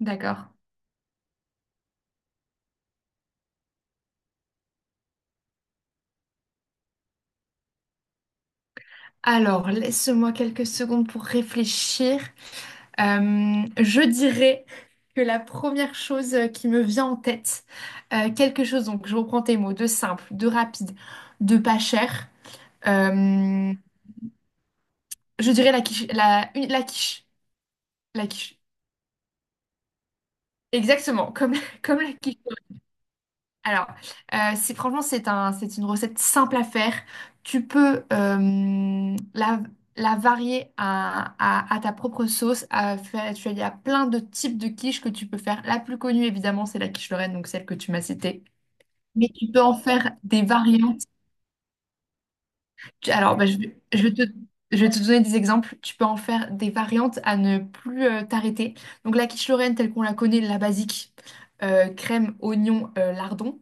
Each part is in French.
D'accord. Alors, laisse-moi quelques secondes pour réfléchir. Je dirais que la première chose qui me vient en tête, quelque chose, donc je reprends tes mots, de simple, de rapide, de pas cher, euh, je dirais la quiche, la quiche. Exactement, comme, comme la quiche. Alors, c'est franchement, c'est un, c'est une recette simple à faire. Tu peux la varier à, à ta propre sauce. À faire, tu as- Il y a plein de types de quiches que tu peux faire. La plus connue, évidemment, c'est la quiche Lorraine, donc celle que tu m'as citée. Mais tu peux en faire des variantes. Tu- Alors, bah, je, vais je vais te, je vais te donner des exemples. Tu peux en faire des variantes à ne plus t'arrêter. Donc, la quiche Lorraine, telle qu'on la connaît, la basique, crème, oignon, lardon.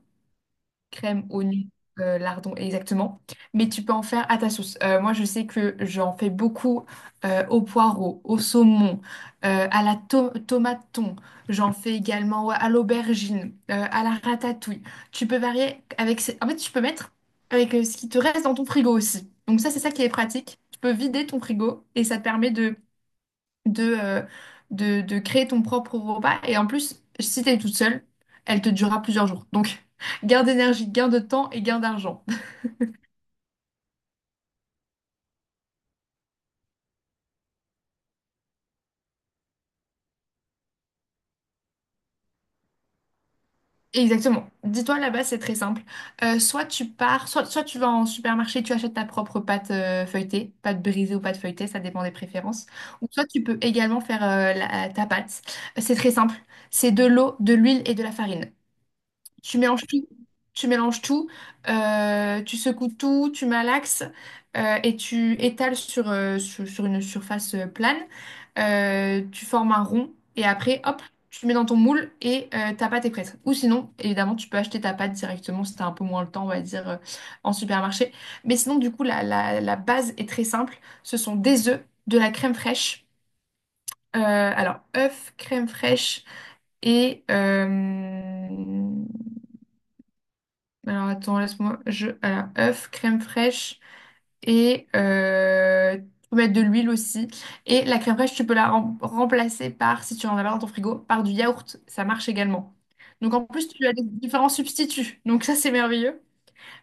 Crème, oignon, lardon, exactement. Mais tu peux en faire à ta sauce. Moi, je sais que j'en fais beaucoup au poireau, au saumon, euh, à la tomate thon. J'en fais également ouais, à l'aubergine, à la ratatouille. Tu peux varier avec en fait, tu peux mettre avec ce qui te reste dans ton frigo aussi. Donc ça, c'est ça qui est pratique. Tu peux vider ton frigo et ça te permet de, euh, de créer ton propre repas. Et en plus, si t'es toute seule, elle te durera plusieurs jours. Donc, gain d'énergie, gain de temps et gain d'argent. Exactement. Dis-toi, là-bas, c'est très simple. Soit tu pars, soit tu vas en supermarché, tu achètes ta propre pâte pâte brisée ou pâte feuilletée, ça dépend des préférences. Ou soit tu peux également faire ta pâte. C'est très simple. C'est de l'eau, de l'huile et de la farine. Tu mélanges tout. Tu mélanges tout, tu secoues tout, tu malaxes et tu étales sur une surface plane. Tu formes un rond et après, hop, tu le mets dans ton moule et ta pâte est prête. Ou sinon, évidemment, tu peux acheter ta pâte directement si tu as un peu moins le temps, on va dire, en supermarché. Mais sinon, du coup, la base est très simple. Ce sont des œufs, de la crème fraîche. Alors, œufs, crème fraîche et alors attends, laisse-moi. Je... Alors, œuf, crème fraîche et tu peux mettre de l'huile aussi. Et la crème fraîche, tu peux remplacer par, si tu en as pas dans ton frigo, par du yaourt. Ça marche également. Donc en plus, tu as des différents substituts. Donc ça, c'est merveilleux.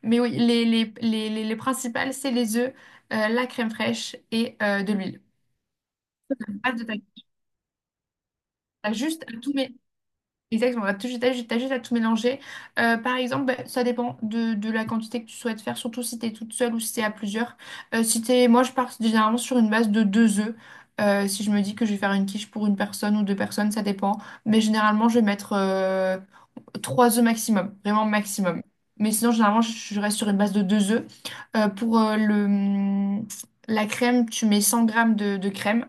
Mais oui, les principales, c'est les œufs, la crème fraîche et de l'huile. Pas de taille. T'as juste à tout, mé- Exactement, t'as juste à tout mélanger. Par exemple, bah, ça dépend de la quantité que tu souhaites faire, surtout si t'es toute seule ou si t'es à plusieurs. Si t'es, Moi, je pars généralement sur une base de 2 œufs. Si je me dis que je vais faire une quiche pour une personne ou deux personnes, ça dépend. Mais généralement, je vais mettre 3 œufs maximum, vraiment maximum. Mais sinon, généralement, je reste sur une base de deux œufs. Pour la crème, tu mets 100 grammes de crème.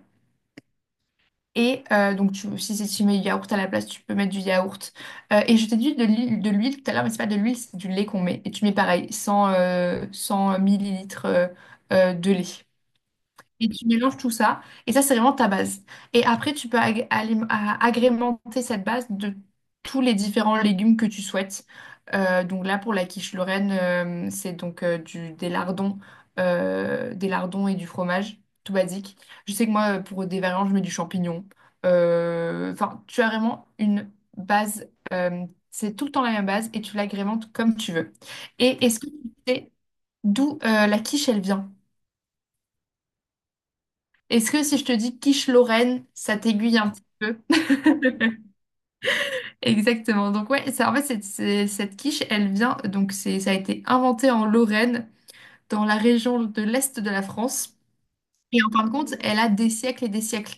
Et donc, tu, si, si tu mets du yaourt à la place, tu peux mettre du yaourt. Et je t'ai dit de l'huile tout à l'heure, mais c'est pas de l'huile, c'est du lait qu'on met. Et tu mets pareil, 100 millilitres de lait. Et tu mélanges tout ça. Et ça, c'est vraiment ta base. Et après, tu peux agrémenter cette base de tous les différents légumes que tu souhaites. Donc là, pour la quiche Lorraine, c'est donc des lardons et du fromage, tout basique. Je sais que moi, pour des variantes je mets du champignon. Enfin, tu as vraiment une base. C'est tout le temps la même base et tu l'agrémentes comme tu veux. Et est-ce que tu sais d'où la quiche, elle vient? Est-ce que si je te dis quiche Lorraine, ça t'aiguille un petit peu? Exactement. Donc ouais, ça, en fait, cette quiche, elle vient, ça a été inventé en Lorraine, dans la région de l'Est de la France. Et en fin de compte, elle a des siècles et des siècles.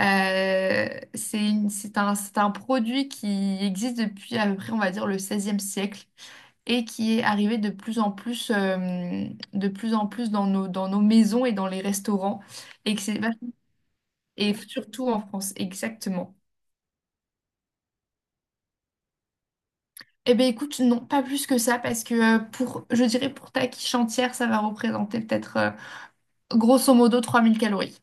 C'est un produit qui existe depuis à peu près, on va dire, le 16e siècle et qui est arrivé de plus en plus, de plus en plus dans dans nos maisons et dans les restaurants. Et, que c'est vach- et surtout en France, exactement. Eh bien, écoute, non, pas plus que ça, parce que je dirais pour ta quiche entière, ça va représenter peut-être grosso modo 3000 calories.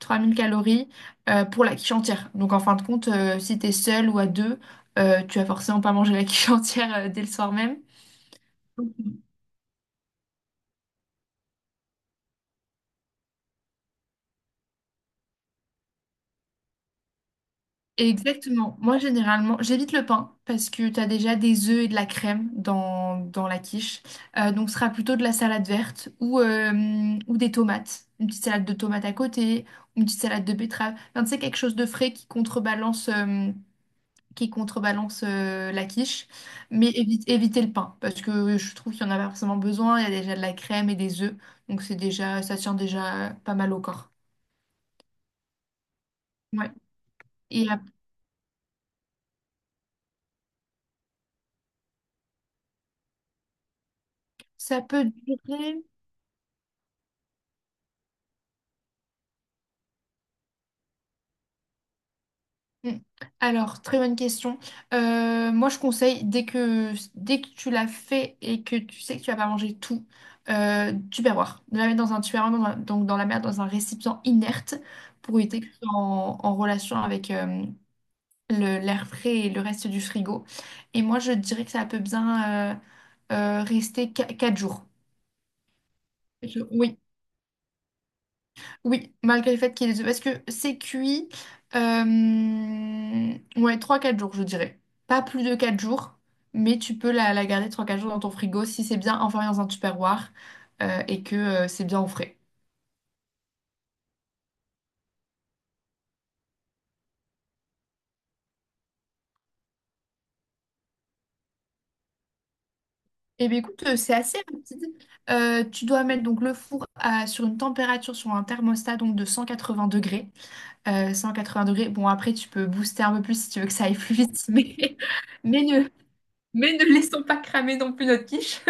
3000 calories pour la quiche entière. Donc, en fin de compte, si t'es seul ou à deux, tu vas forcément pas manger la quiche entière dès le soir même. Exactement. Moi, généralement, j'évite le pain parce que tu as déjà des œufs et de la crème dans la quiche. Donc, ce sera plutôt de la salade verte ou ou des tomates. Une petite salade de tomates à côté, une petite salade de betterave. Enfin, tu sais, quelque chose de frais qui contrebalance la quiche. Mais éviter le pain parce que je trouve qu'il n'y en a pas forcément besoin. Il y a déjà de la crème et des œufs. Donc, c'est déjà, ça tient déjà pas mal au corps. Ouais. Et après, ça peut durer. Mm. Alors, très bonne question. Moi, je conseille, dès que tu l'as fait et que tu sais que tu vas pas manger tout, tupperware. De la mettre dans un tupperware, donc dans un récipient inerte pour éviter que ce soit en, en relation avec l'air frais et le reste du frigo. Et moi, je dirais que ça peut bien rester 4 jours. Oui, oui, malgré le fait qu'il est ait parce que c'est cuit, ouais, 3 4 jours, je dirais. Pas plus de 4 jours, mais tu peux la garder 3 4 jours dans ton frigo si c'est bien enfermé dans un tupperware et que c'est bien au frais. Eh bien, écoute, c'est assez rapide. Tu dois mettre donc le four sur une température, sur un thermostat donc de 180 degrés. 180 degrés, bon, après, tu peux booster un peu plus si tu veux que ça aille plus vite, mais, ne, mais ne laissons pas cramer non plus notre quiche.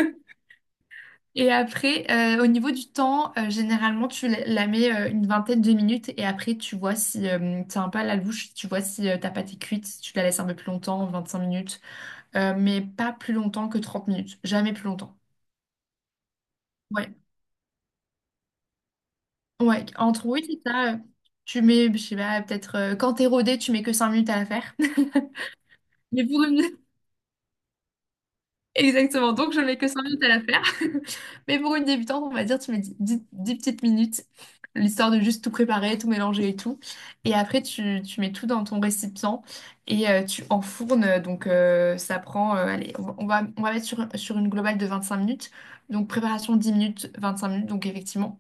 Et après, au niveau du temps, généralement, tu la mets une vingtaine de minutes et après, tu vois si t'as un peu à la louche, tu vois si ta pâte est cuite, si tu la laisses un peu plus longtemps, 25 minutes. Mais pas plus longtemps que 30 minutes, jamais plus longtemps. Ouais, ouais, c'est ça, tu mets, je sais pas, peut-être quand t'es rodé, tu mets que 5 minutes à la faire. Mais pour une, Exactement, donc je mets que 5 minutes à la faire. Mais pour une débutante, on va dire, tu mets 10 petites minutes, l'histoire de juste tout préparer, tout mélanger et tout. Et après, tu mets tout dans ton récipient et tu enfournes. Donc ça prend, allez, on va mettre sur, sur une globale de 25 minutes. Donc préparation 10 minutes, 25 minutes, donc effectivement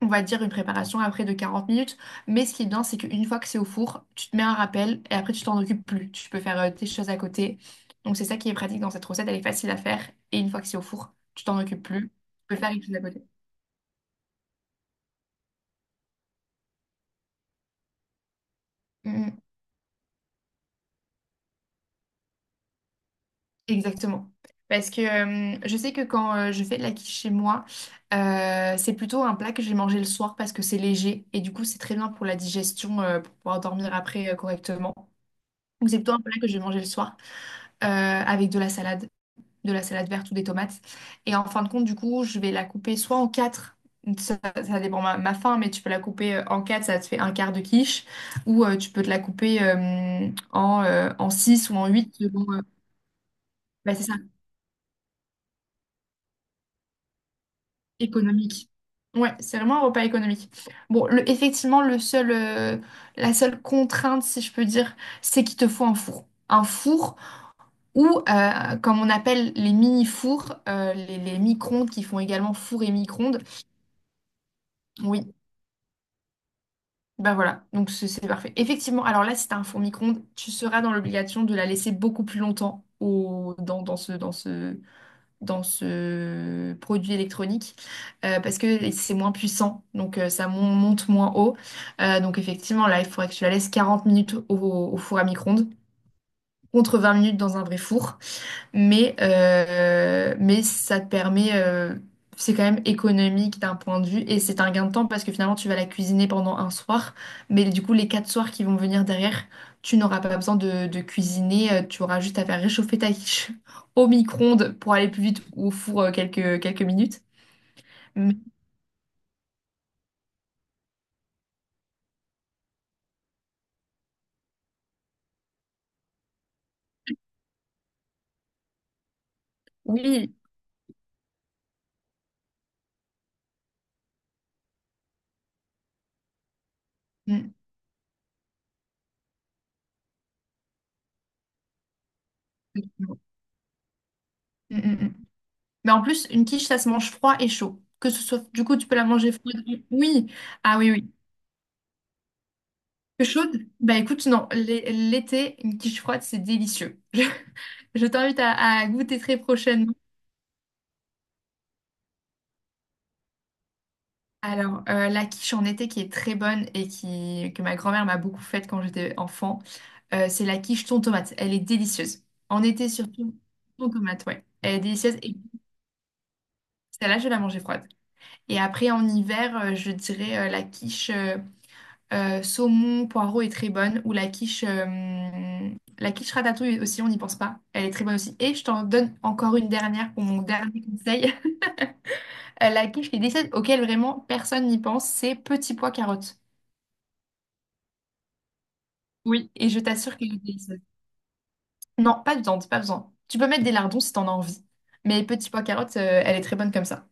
on va dire une préparation après de 40 minutes. Mais ce qui est bien, c'est qu'une fois que c'est au four, tu te mets un rappel et après tu t'en occupes plus. Tu peux faire tes choses à côté. Donc c'est ça qui est pratique dans cette recette, elle est facile à faire. Et une fois que c'est au four, tu t'en occupes plus. Tu peux faire une chose à côté. Mm, exactement. Parce que je sais que quand je fais de la quiche chez moi, c'est plutôt un plat que je vais manger le soir parce que c'est léger et du coup c'est très bien pour la digestion, pour pouvoir dormir après correctement. Donc c'est plutôt un plat que je vais manger le soir avec de la salade. De la salade verte ou des tomates. Et en fin de compte, du coup, je vais la couper soit en quatre, ça dépend ma faim, mais tu peux la couper en quatre, ça te fait un quart de quiche, ou tu peux te la couper en six ou en huit, selon, bah, c'est ça, économique. Ouais, c'est vraiment un repas économique. Bon, effectivement, la seule contrainte, si je peux dire, c'est qu'il te faut un four. Un four ou, comme on appelle les mini-fours, euh, les micro-ondes qui font également four et micro-ondes. Oui. Bah voilà, donc c'est parfait. Effectivement, alors là, si t'as un four micro-ondes, tu seras dans l'obligation de la laisser beaucoup plus longtemps au, dans, dans ce, dans ce, dans ce produit électronique parce que c'est moins puissant, donc ça monte moins haut. Donc effectivement, là, il faudrait que tu la laisses 40 minutes au four à micro-ondes contre 20 minutes dans un vrai four. Mais ça te permet, c'est quand même économique d'un point de vue et c'est un gain de temps parce que finalement tu vas la cuisiner pendant un soir, mais du coup les quatre soirs qui vont venir derrière, tu n'auras pas besoin de cuisiner, tu auras juste à faire réchauffer ta quiche au micro-ondes pour aller plus vite ou au four quelques minutes. Mais oui. Mm. Mm, mm, mm. Mais en plus, une quiche, ça se mange froid et chaud. Que ce soit, du coup, tu peux la manger froide. Oui. Ah oui, oui. Peu chaude? Bah écoute, non, l'été, une quiche froide, c'est délicieux. Je t'invite à goûter très prochainement. Alors, la quiche en été qui est très bonne et que ma grand-mère m'a beaucoup faite quand j'étais enfant, c'est la quiche thon tomate. Elle est délicieuse. En été surtout, thon tomate, ouais. Elle est délicieuse et celle-là, je vais la manger froide. Et après, en hiver, je dirais euh, la quiche saumon, poireau est très bonne. Ou la quiche ratatouille aussi, on n'y pense pas. Elle est très bonne aussi. Et je t'en donne encore une dernière pour mon dernier conseil. La quiche qui est délicieuse, auquel vraiment personne n'y pense, c'est petit pois carottes. Oui. Et je t'assure qu'elle est délicieuse. Non, pas de viande, pas besoin. Tu peux mettre des lardons si t'en as envie. Mais petit pois carottes, elle est très bonne comme ça.